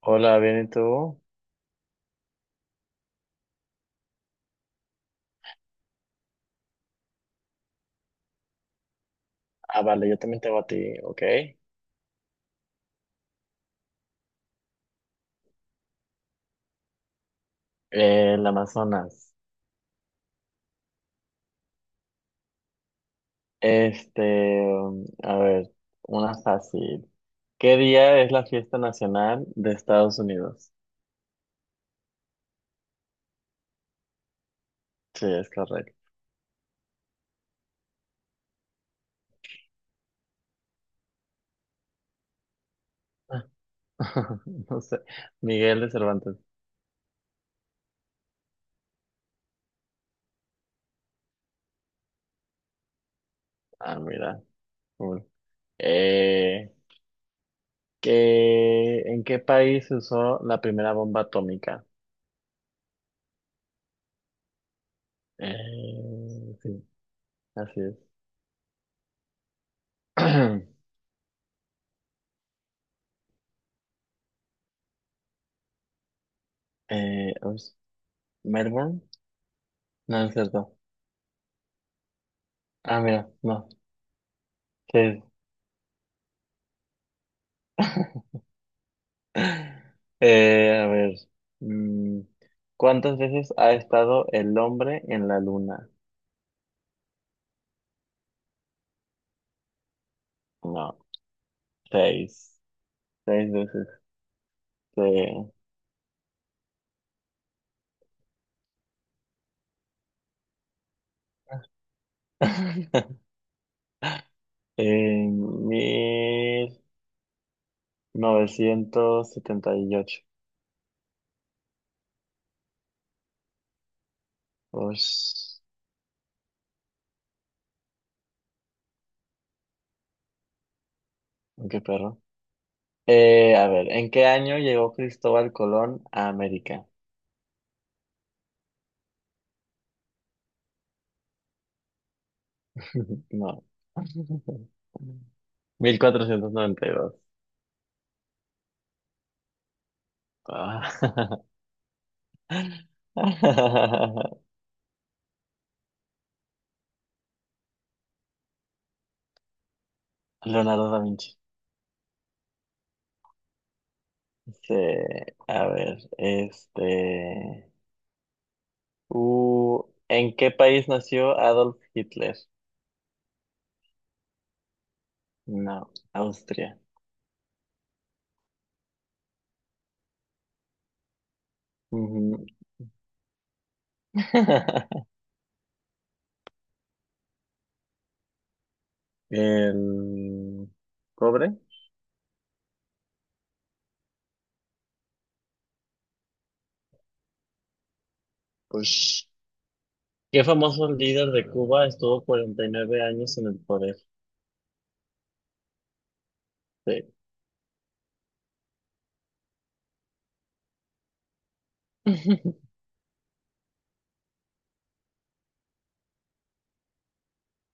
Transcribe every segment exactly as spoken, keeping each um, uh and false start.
Hola, ¿bien y tú? Ah, vale, yo también te hago a ti, ok. Eh, el Amazonas. Este, um, a ver, una fácil. ¿Qué día es la fiesta nacional de Estados Unidos? Sí, es correcto. No sé. Miguel de Cervantes. Ah, mira. Cool. Eh, ¿qué- en qué país se usó la primera bomba atómica? Eh, sí, así es. Eh, ups, ¿Melbourne? No, es cierto. Ah, mira, no. que Eh, a ver, mm, ¿cuántas veces ha estado el hombre en la luna? No, seis, seis veces. eh, En mil novecientos setenta y ocho. Ush, qué perro. Eh, a ver, ¿en qué año llegó Cristóbal Colón a América? No. mil cuatrocientos noventa y dos. Ah. Leonardo da Vinci. Sí, a ver, este... Uh, ¿en qué país nació Adolf Hitler? No, Austria. Ujú. El cobre. Pues, ¿qué famoso líder de Cuba estuvo cuarenta y nueve años en el poder? Sí.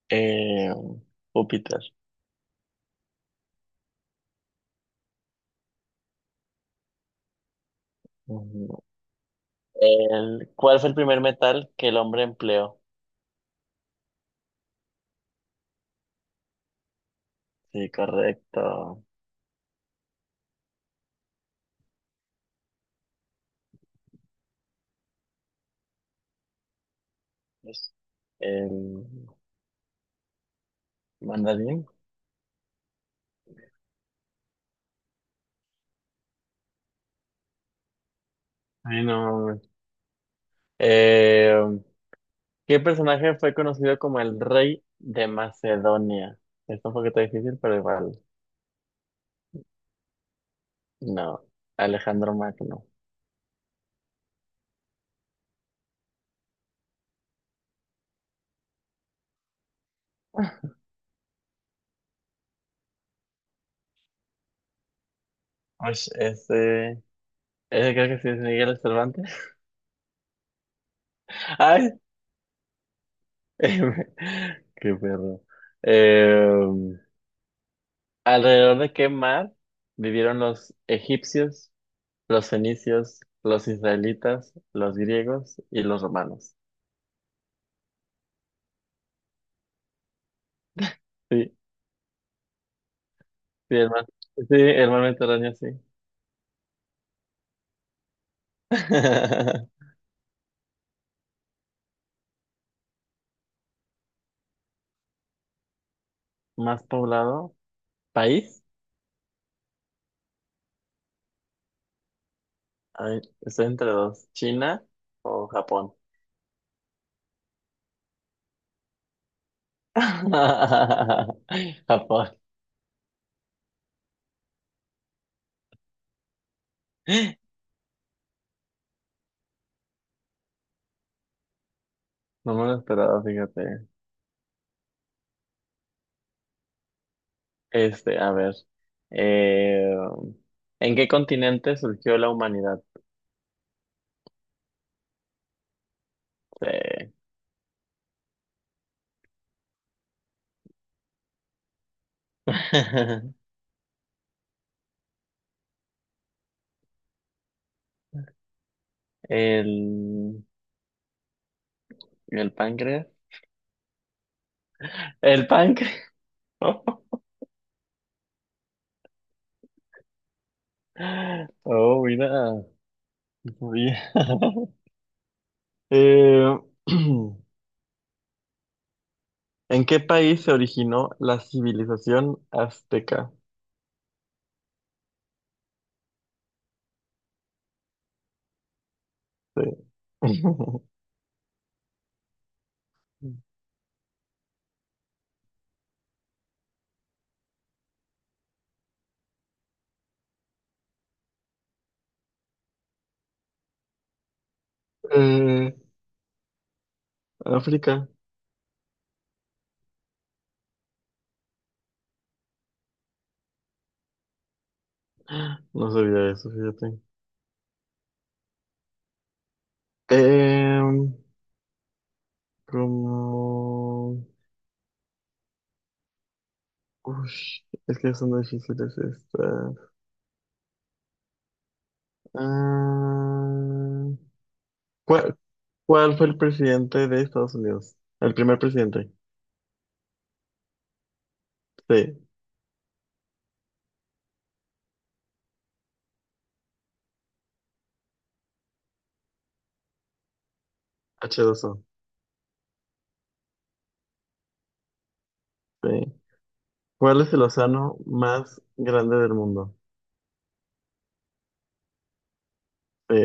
Eh, Júpiter. Ujú. El, ¿cuál fue el primer metal que el hombre empleó? Sí, correcto. Es el mandarín. Ay, no. Eh, ¿Qué personaje fue conocido como el rey de Macedonia? Está un poquito difícil, pero igual. No, Alejandro Magno. Ay, ese, ese creo que sí es Miguel Cervantes. Ay, qué perro. Eh, ¿Alrededor de qué mar vivieron los egipcios, los fenicios, los israelitas, los griegos y los romanos? Sí, sí, el mar, sí, el mar Mediterráneo, sí. Más poblado, país, a estoy entre dos, China o Japón. Japón. No me lo esperaba, fíjate. Este, a ver. eh, ¿En qué continente surgió la humanidad? Eh, el, el páncreas. El páncreas. Oh, mira. Bien. Eh, ¿En qué país se originó la civilización azteca? Sí. Eh, África, no sabía eso, fíjate. Em, como... Ush, es que son difíciles estas. Ah, ¿cuál, cuál fue el presidente de Estados Unidos? El primer presidente. Sí, h dos o. Sí. ¿Cuál es el océano más grande del mundo? Sí,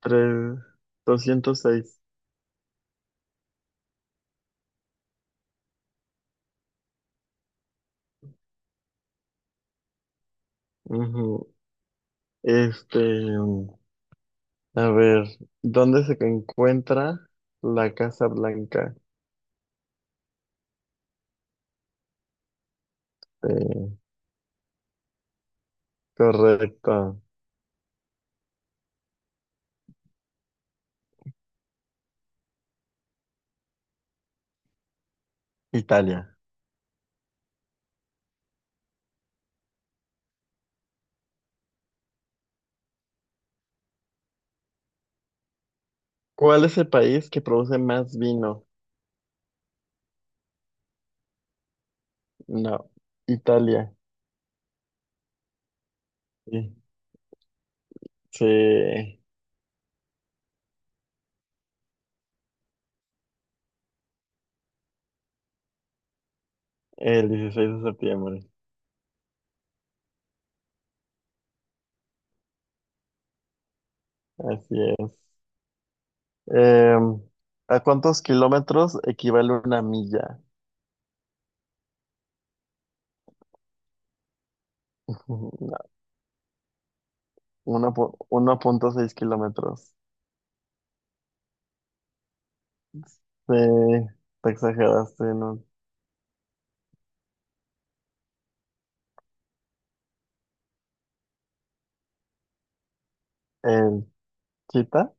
tres- doscientos seis. Ujú. Este... A ver, ¿dónde se encuentra la Casa Blanca? Eh, Correcto, Italia. ¿Cuál es el país que produce más vino? No, Italia. Sí, sí, el dieciséis de septiembre. Así es. Em, ¿A cuántos kilómetros equivale una milla? Ujú, no, uno punto seis kilómetros. Sí, te exageraste, ¿no? El chita.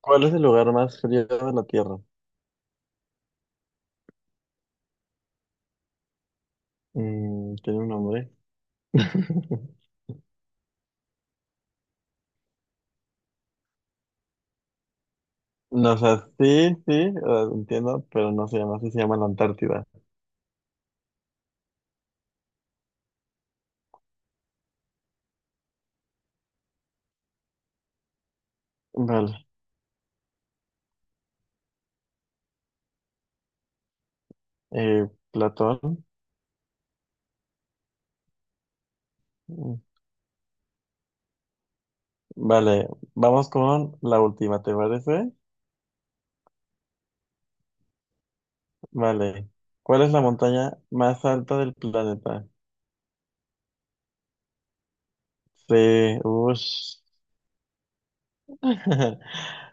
¿Cuál es el lugar más frío de la Tierra? Mm, tiene un nombre. No, o sea, sí, sí, o sea, entiendo, pero no se llama así, se llama la Antártida. Vale, eh, Platón. Mm, Vale, vamos con la última, ¿te parece? Vale, ¿cuál es la montaña más alta del planeta? Sí, ush.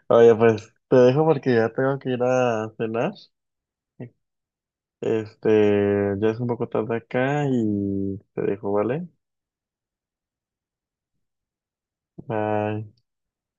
Oye, pues te dejo porque ya tengo que ir a cenar. Este, ya es un poco tarde acá y te dejo, ¿vale? Bye.